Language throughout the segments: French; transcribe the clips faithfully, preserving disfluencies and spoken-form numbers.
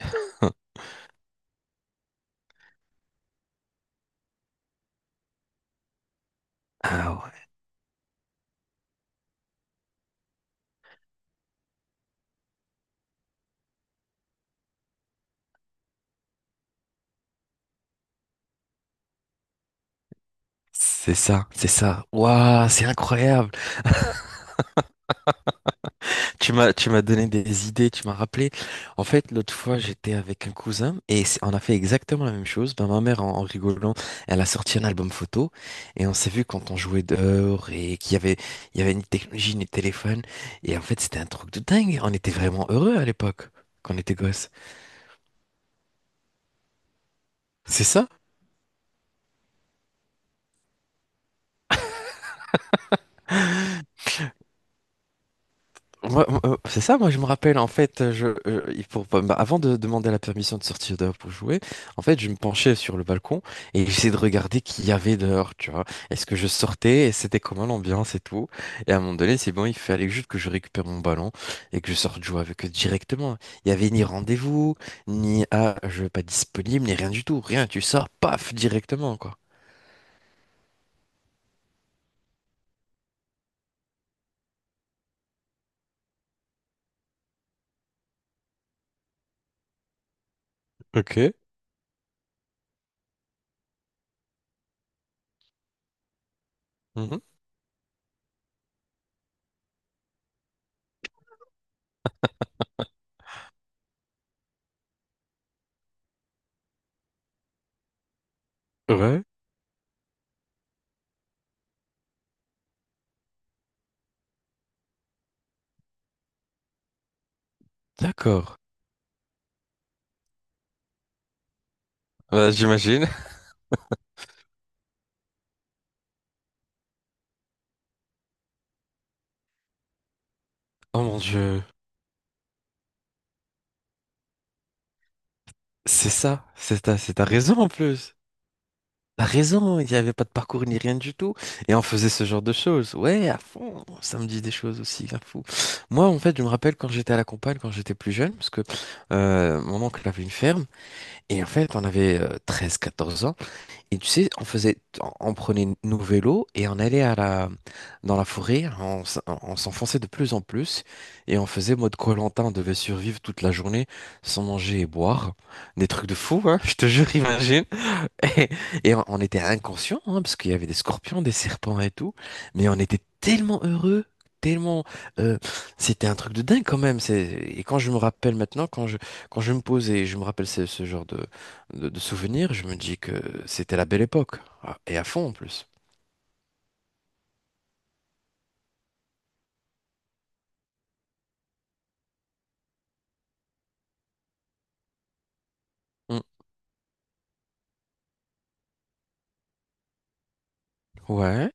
Ah ouais, c'est ça, c'est ça. Waouh, c'est incroyable. Tu m'as, tu m'as donné des idées, tu m'as rappelé. En fait, l'autre fois, j'étais avec un cousin et c'est- on a fait exactement la même chose. Ben, ma mère, en, en rigolant, elle a sorti un album photo et on s'est vu quand on jouait dehors et qu'il y avait, il y avait ni technologie, ni téléphone. Et en fait, c'était un truc de dingue. On était vraiment heureux à l'époque, quand on était gosses. C'est ça? Moi- moi, euh, c'est ça, moi je me rappelle en fait, euh, je, euh, il faut pas- bah, avant de demander la permission de sortir dehors pour jouer, en fait je me penchais sur le balcon et j'essayais de regarder qu'il y avait dehors, tu vois. Est-ce que je sortais et c'était comment l'ambiance et tout. Et à un moment donné, c'est bon, il fallait juste que je récupère mon ballon et que je sorte jouer avec eux directement. Il n'y avait ni rendez-vous, ni ah, je vais pas disponible, ni rien du tout, rien, tu sors, paf, directement quoi. Ok. Mhm. Ouais. D'accord. Bah, j'imagine. Oh mon Dieu. C'est ça, c'est ta, c'est ta raison en plus. T'as raison, il n'y avait pas de parcours ni rien du tout. Et on faisait ce genre de choses. Ouais, à fond, ça me dit des choses aussi, la fou. Moi, en fait, je me rappelle quand j'étais à la campagne, quand j'étais plus jeune, parce que euh, mon oncle avait une ferme, et en fait, on avait euh, treize, quatorze ans. Et tu sais, on faisait, on on prenait nos vélos et on allait à la, dans la forêt, on, s- on s'enfonçait de plus en plus et on faisait mode koh on devait survivre toute la journée sans manger et boire. Des trucs de fou, hein, je te jure, imagine. Et et on on était inconscients, hein, parce qu'il y avait des scorpions, des serpents et tout, mais on était tellement heureux, tellement... euh, c'était un truc de dingue quand même. c'est- Et quand je me rappelle maintenant, quand je, quand je me pose et je me rappelle ce, ce genre de, de, de souvenirs, je me dis que c'était la belle époque. Ah, et à fond en plus. Mm. Ouais,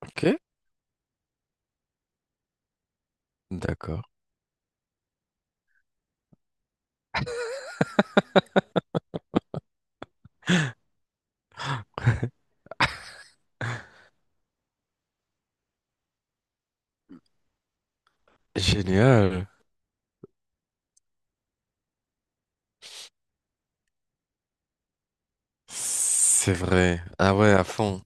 ok, d'accord. Génial. C'est vrai. Ah ouais, à fond.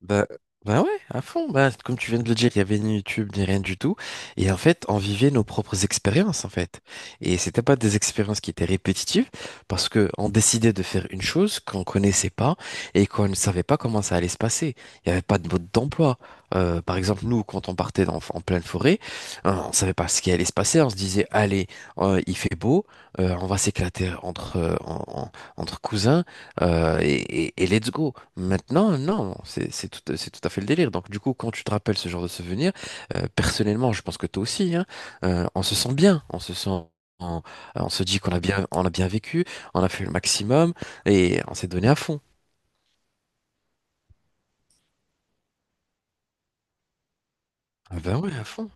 Bah, bah ouais, à fond. Bah, comme tu viens de le dire, il y avait ni YouTube ni rien du tout. Et en fait, on vivait nos propres expériences, en fait. Et c'était pas des expériences qui étaient répétitives, parce que on décidait de faire une chose qu'on connaissait pas et qu'on ne savait pas comment ça allait se passer. Il n'y avait pas de mode d'emploi. Euh, par exemple, nous, quand on partait dans- en pleine forêt, euh, on savait pas ce qui allait se passer. On se disait, allez, euh, il fait beau, euh, on va s'éclater entre, euh, en- en- entre cousins. Euh, et, et- et let's go. Maintenant, non, c'est c'est tout, c'est tout à fait le délire. Donc, du coup, quand tu te rappelles ce genre de souvenir, euh, personnellement, je pense que toi aussi, hein, euh, on se sent bien, on se sent, on, on se dit qu'on a bien, on a bien vécu, on a fait le maximum et on s'est donné à fond. Ah ben ouais, à fond.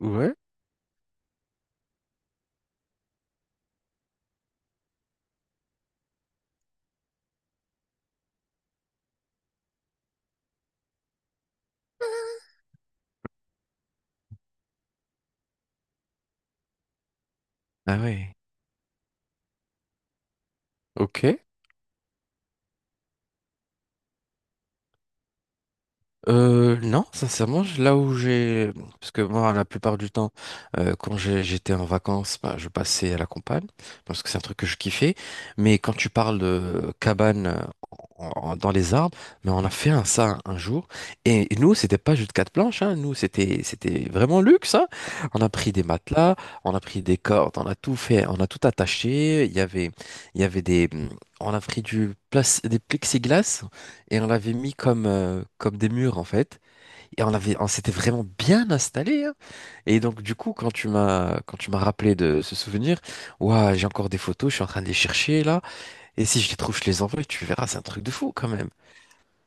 Ouais, ah ouais. Ok. Euh, non, sincèrement, je- là où j'ai, parce que moi, la plupart du temps, euh, quand j'ai- j'étais en vacances, bah, je passais à la campagne, parce que c'est un truc que je kiffais. Mais quand tu parles de cabane euh, en- en- dans les arbres, mais on a fait un, ça un, un jour. Et, et nous, c'était pas juste quatre planches, hein, nous, c'était, c'était vraiment luxe, hein. On a pris des matelas, on a pris des cordes, on a tout fait, on a tout attaché. Il y avait, il y avait des, on a pris du place, des plexiglas et on l'avait mis comme, euh, comme des murs en fait. Et on avait, on s'était vraiment bien installé, hein. Et donc du coup, quand tu m'as, quand tu m'as rappelé de ce souvenir, ouah, j'ai encore des photos, je suis en train de les chercher là. Et si je les trouve, je les envoie. Tu verras, c'est un truc de fou quand même.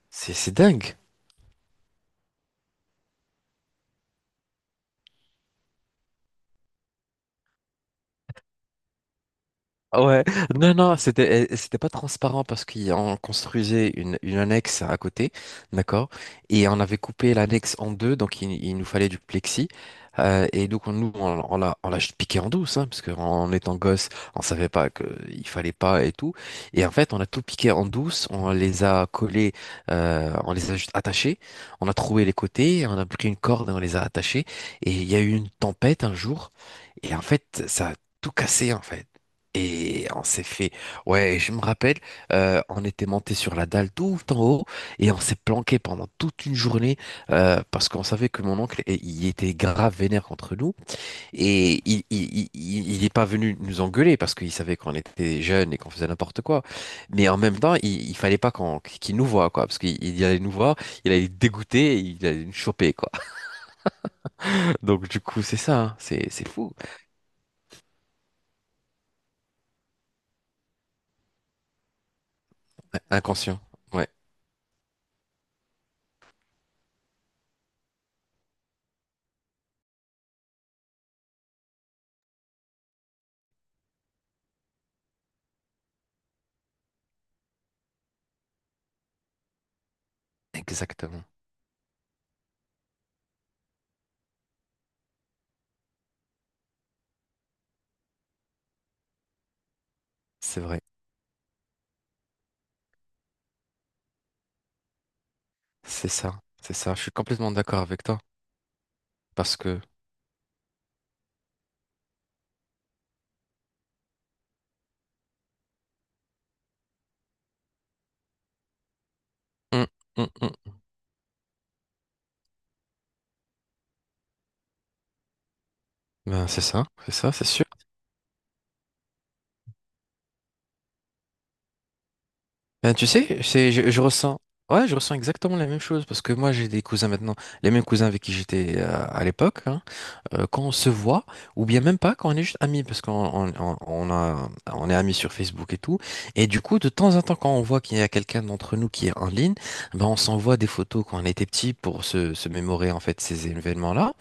C'est, c'est dingue. Ouais, non, non, c'était, euh, c'était pas transparent parce qu'on construisait une, une annexe à côté, d'accord? Et on avait coupé l'annexe en deux, donc il, il nous fallait du plexi. Euh, et donc, on, nous, on, on l'a, on l'a juste piqué en douce, hein, parce qu'en étant gosse, on savait pas qu'il fallait pas et tout. Et en fait, on a tout piqué en douce, on les a collés, euh, on les a juste attachés, on a trouvé les côtés, on a pris une corde et on les a attachés. Et il y a eu une tempête un jour, et en fait, ça a tout cassé, en fait. Et on s'est fait, ouais, je me rappelle, euh, on était monté sur la dalle tout en haut et on s'est planqué pendant toute une journée euh, parce qu'on savait que mon oncle, eh, il était grave vénère contre nous et il, il, il, il est pas venu nous engueuler parce qu'il savait qu'on était jeunes et qu'on faisait n'importe quoi. Mais en même temps, il, il fallait pas qu'on, qu'il nous voie quoi, parce qu'il il allait nous voir, il allait être il allait nous choper quoi. Donc du coup, c'est ça, hein, c'est c'est fou, inconscient. Ouais, exactement, c'est vrai. C'est ça, c'est ça. Je suis complètement d'accord avec toi. Parce que. Hum, hum, hum. Ben, c'est ça, c'est ça, c'est sûr. Ben, tu sais, c'est, je, je ressens. Ouais, je ressens exactement la même chose. Parce que moi, j'ai des cousins maintenant. Les mêmes cousins avec qui j'étais euh, à l'époque, hein. Euh, quand on se voit, ou bien même pas quand on est juste amis, parce qu'on on, on- on a, on est amis sur Facebook et tout. Et du coup, de temps en temps, quand on voit qu'il y a quelqu'un d'entre nous qui est en ligne, ben on s'envoie des photos quand on était petit pour se, se mémorer en fait ces événements-là.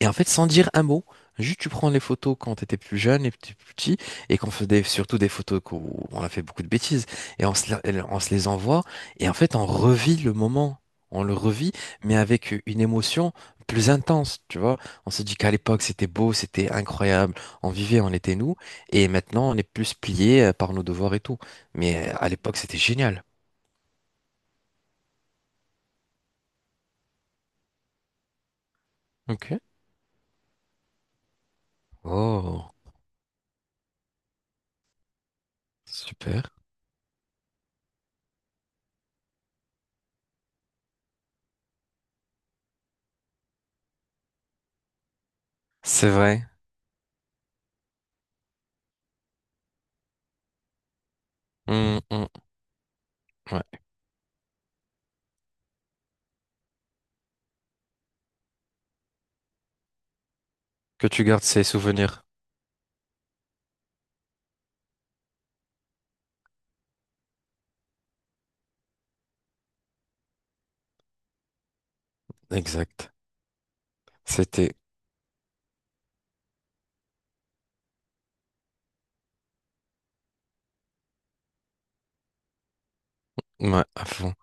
Et en fait, sans dire un mot. Juste, tu prends les photos quand t'étais plus jeune et plus petit, et qu'on faisait surtout des photos où on a fait beaucoup de bêtises, et on se, la- on se les envoie, et en fait, on revit le moment, on le revit, mais avec une émotion plus intense, tu vois. On s'est dit qu'à l'époque, c'était beau, c'était incroyable. On vivait, on était nous. Et maintenant, on est plus plié euh, par nos devoirs et tout. Mais euh, à l'époque, c'était génial. Ok. Oh, super. C'est vrai. Hum, hum, ouais. Que tu gardes ces souvenirs. Exact. C'était... Ouais, à fond.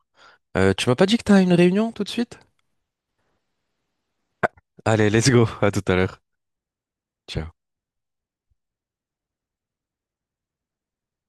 Euh, tu m'as pas dit que t'as une réunion tout de suite? Allez, let's go. À tout à l'heure. Ciao.